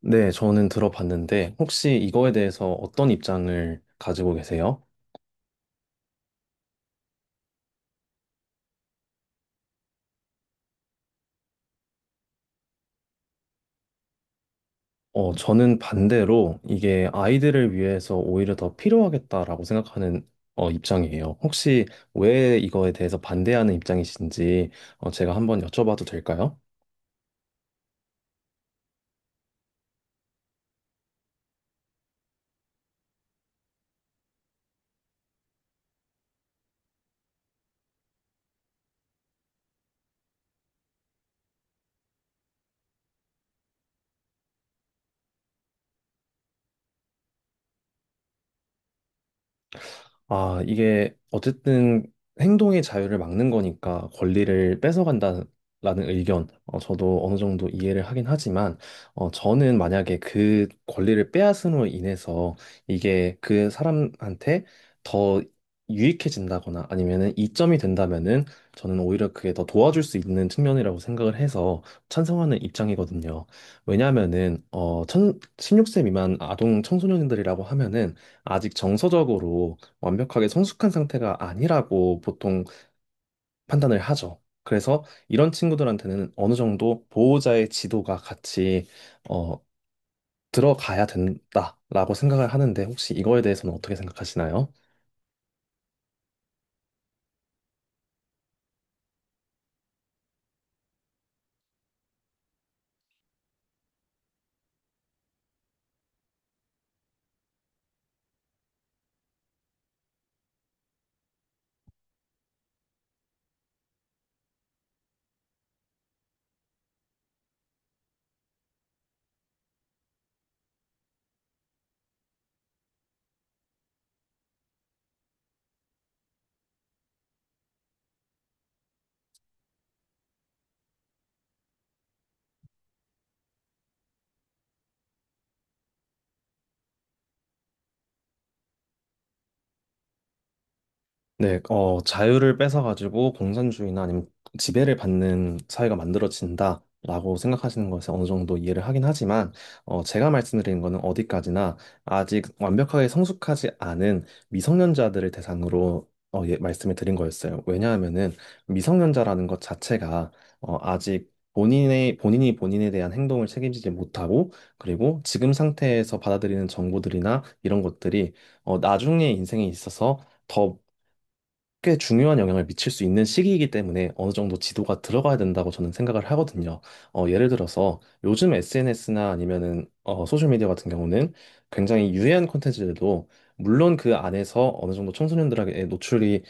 네, 저는 들어봤는데 혹시 이거에 대해서 어떤 입장을 가지고 계세요? 저는 반대로 이게 아이들을 위해서 오히려 더 필요하겠다라고 생각하는 입장이에요. 혹시 왜 이거에 대해서 반대하는 입장이신지 제가 한번 여쭤봐도 될까요? 아, 이게 어쨌든 행동의 자유를 막는 거니까 권리를 뺏어간다는 의견, 저도 어느 정도 이해를 하긴 하지만, 저는 만약에 그 권리를 빼앗음으로 인해서 이게 그 사람한테 더 유익해진다거나 아니면은 이점이 된다면은 저는 오히려 그게 더 도와줄 수 있는 측면이라고 생각을 해서 찬성하는 입장이거든요. 왜냐하면은, 16세 미만 아동 청소년들이라고 하면은 아직 정서적으로 완벽하게 성숙한 상태가 아니라고 보통 판단을 하죠. 그래서 이런 친구들한테는 어느 정도 보호자의 지도가 같이 어, 들어가야 된다라고 생각을 하는데 혹시 이거에 대해서는 어떻게 생각하시나요? 네, 자유를 뺏어가지고 공산주의나 아니면 지배를 받는 사회가 만들어진다라고 생각하시는 것에 어느 정도 이해를 하긴 하지만, 제가 말씀드린 거는 어디까지나 아직 완벽하게 성숙하지 않은 미성년자들을 대상으로 어, 예, 말씀을 드린 거였어요. 왜냐하면은 미성년자라는 것 자체가 아직 본인이 본인에 대한 행동을 책임지지 못하고, 그리고 지금 상태에서 받아들이는 정보들이나 이런 것들이 나중에 인생에 있어서 더 꽤 중요한 영향을 미칠 수 있는 시기이기 때문에 어느 정도 지도가 들어가야 된다고 저는 생각을 하거든요. 어, 예를 들어서 요즘 SNS나 아니면은 소셜미디어 같은 경우는 굉장히 유해한 콘텐츠들도 물론 그 안에서 어느 정도 청소년들에게 노출이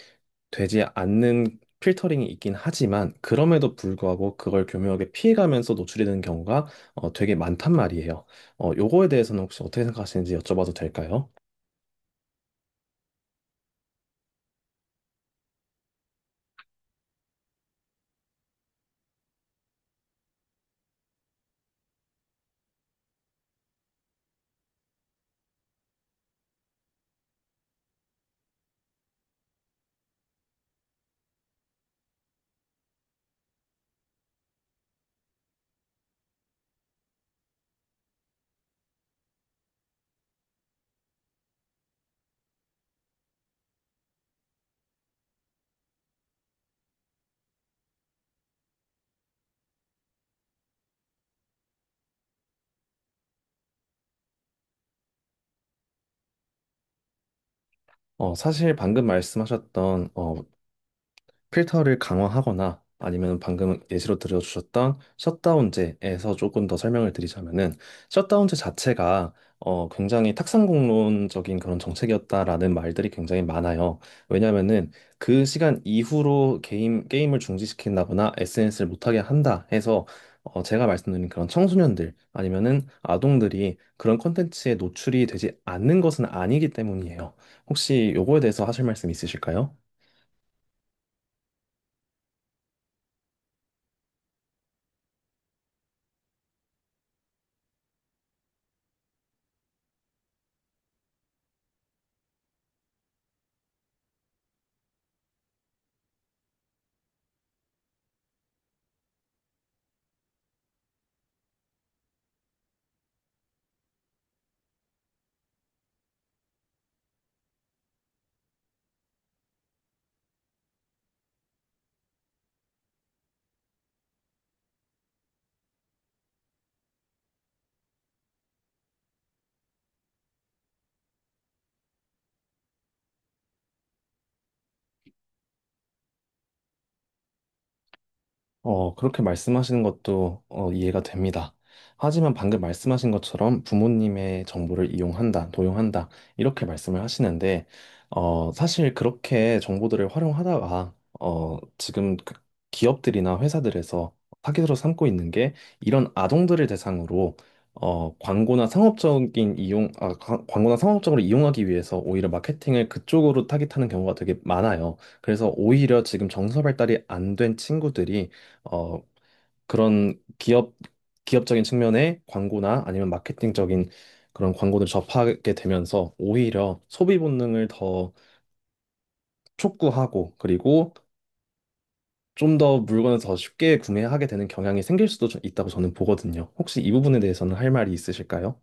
되지 않는 필터링이 있긴 하지만 그럼에도 불구하고 그걸 교묘하게 피해가면서 노출이 되는 경우가 되게 많단 말이에요. 어, 요거에 대해서는 혹시 어떻게 생각하시는지 여쭤봐도 될까요? 어, 사실 방금 말씀하셨던 필터를 강화하거나 아니면 방금 예시로 들어주셨던 셧다운제에서 조금 더 설명을 드리자면은 셧다운제 자체가 굉장히 탁상공론적인 그런 정책이었다라는 말들이 굉장히 많아요. 왜냐면은 그 시간 이후로 게임을 중지시킨다거나 SNS를 못하게 한다 해서 제가 말씀드린 그런 청소년들 아니면은 아동들이 그런 콘텐츠에 노출이 되지 않는 것은 아니기 때문이에요. 혹시 요거에 대해서 하실 말씀 있으실까요? 어, 그렇게 말씀하시는 것도 어, 이해가 됩니다. 하지만 방금 말씀하신 것처럼 부모님의 정보를 이용한다, 도용한다, 이렇게 말씀을 하시는데, 어, 사실 그렇게 정보들을 활용하다가, 지금 그 기업들이나 회사들에서 타깃으로 삼고 있는 게 이런 아동들을 대상으로 어, 광고나 상업적인 이용, 광고나 상업적으로 이용하기 위해서 오히려 마케팅을 그쪽으로 타깃하는 경우가 되게 많아요. 그래서 오히려 지금 정서 발달이 안 된 친구들이 어, 그런 기업적인 측면의 광고나 아니면 마케팅적인 그런 광고를 접하게 되면서 오히려 소비 본능을 더 촉구하고 그리고 좀 더 물건을 더 쉽게 구매하게 되는 경향이 생길 수도 좀 있다고 저는 보거든요. 혹시 이 부분에 대해서는 할 말이 있으실까요?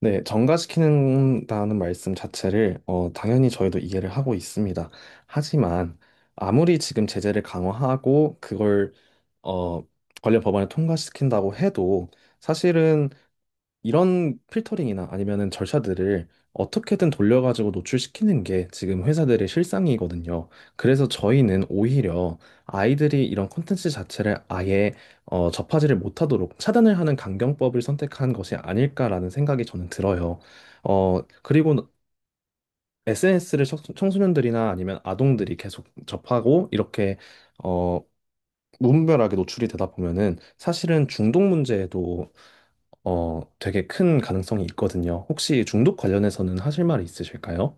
네, 정가시키는다는 말씀 자체를 당연히 저희도 이해를 하고 있습니다. 하지만 아무리 지금 제재를 강화하고 그걸 어, 관련 법안을 통과시킨다고 해도 사실은 이런 필터링이나 아니면은 절차들을 어떻게든 돌려가지고 노출시키는 게 지금 회사들의 실상이거든요. 그래서 저희는 오히려 아이들이 이런 콘텐츠 자체를 아예 접하지를 못하도록 차단을 하는 강경법을 선택한 것이 아닐까라는 생각이 저는 들어요. 어, 그리고 SNS를 청소년들이나 아니면 아동들이 계속 접하고 이렇게 어, 무분별하게 노출이 되다 보면은 사실은 중독 문제에도 되게 큰 가능성이 있거든요. 혹시 중독 관련해서는 하실 말이 있으실까요?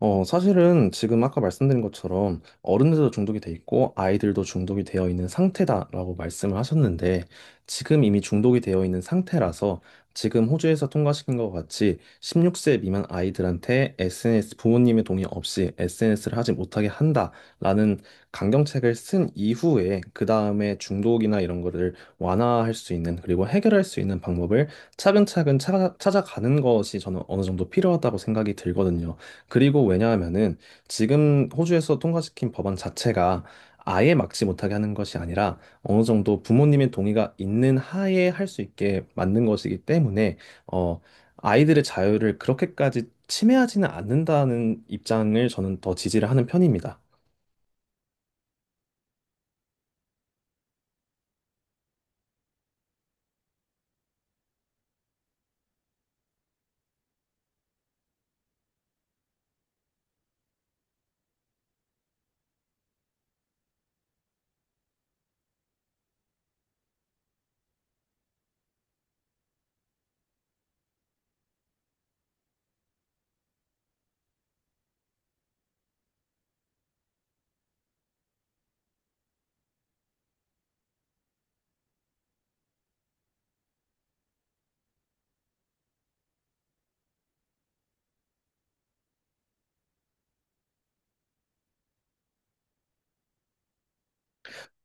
어, 사실은 지금 아까 말씀드린 것처럼 어른들도 중독이 돼 있고 아이들도 중독이 되어 있는 상태다라고 말씀을 하셨는데 지금 이미 중독이 되어 있는 상태라서 지금 호주에서 통과시킨 것 같이 16세 미만 아이들한테 SNS 부모님의 동의 없이 SNS를 하지 못하게 한다라는 강경책을 쓴 이후에 그 다음에 중독이나 이런 거를 완화할 수 있는 그리고 해결할 수 있는 방법을 차근차근 찾아가는 것이 저는 어느 정도 필요하다고 생각이 들거든요. 그리고 왜냐하면은 지금 호주에서 통과시킨 법안 자체가 아예 막지 못하게 하는 것이 아니라 어느 정도 부모님의 동의가 있는 하에 할 수 있게 만든 것이기 때문에 어 아이들의 자유를 그렇게까지 침해하지는 않는다는 입장을 저는 더 지지를 하는 편입니다.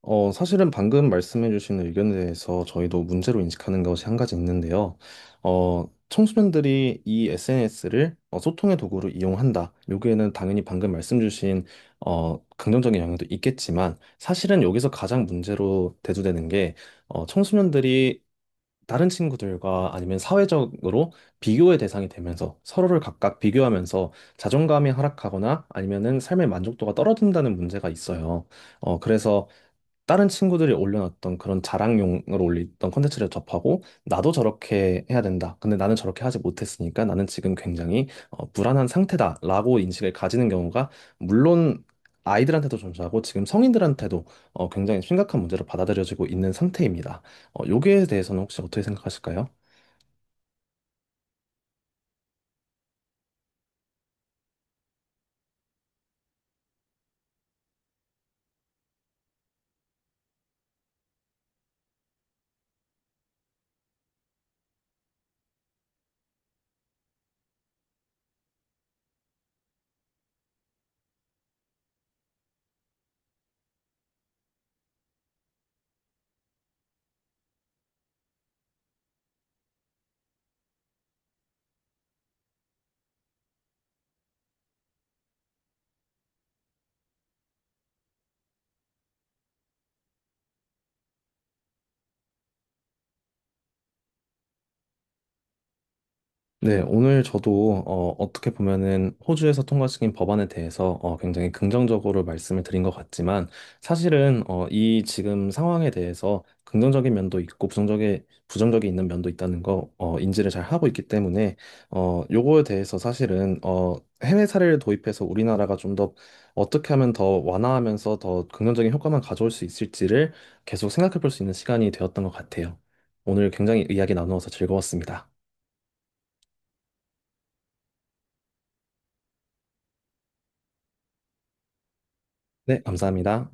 어, 사실은 방금 말씀해주신 의견에 대해서 저희도 문제로 인식하는 것이 한 가지 있는데요. 어, 청소년들이 이 SNS를 소통의 도구로 이용한다. 여기에는 당연히 방금 말씀 주신 긍정적인 영향도 있겠지만 사실은 여기서 가장 문제로 대두되는 게 청소년들이 다른 친구들과 아니면 사회적으로 비교의 대상이 되면서 서로를 각각 비교하면서 자존감이 하락하거나 아니면은 삶의 만족도가 떨어진다는 문제가 있어요. 어, 그래서 다른 친구들이 올려놨던 그런 자랑용으로 올렸던 콘텐츠를 접하고 나도 저렇게 해야 된다. 근데 나는 저렇게 하지 못했으니까 나는 지금 굉장히 어, 불안한 상태다라고 인식을 가지는 경우가 물론 아이들한테도 존재하고 지금 성인들한테도 굉장히 심각한 문제로 받아들여지고 있는 상태입니다. 어, 여기에 대해서는 혹시 어떻게 생각하실까요? 네, 오늘 저도 어, 어떻게 보면은 호주에서 통과시킨 법안에 대해서 굉장히 긍정적으로 말씀을 드린 것 같지만 사실은 이 지금 상황에 대해서 긍정적인 면도 있고 부정적인 있는 면도 있다는 거 인지를 잘 하고 있기 때문에 어, 요거에 대해서 사실은 해외 사례를 도입해서 우리나라가 좀 더 어떻게 하면 더 완화하면서 더 긍정적인 효과만 가져올 수 있을지를 계속 생각해 볼 수 있는 시간이 되었던 것 같아요. 오늘 굉장히 이야기 나누어서 즐거웠습니다. 네, 감사합니다.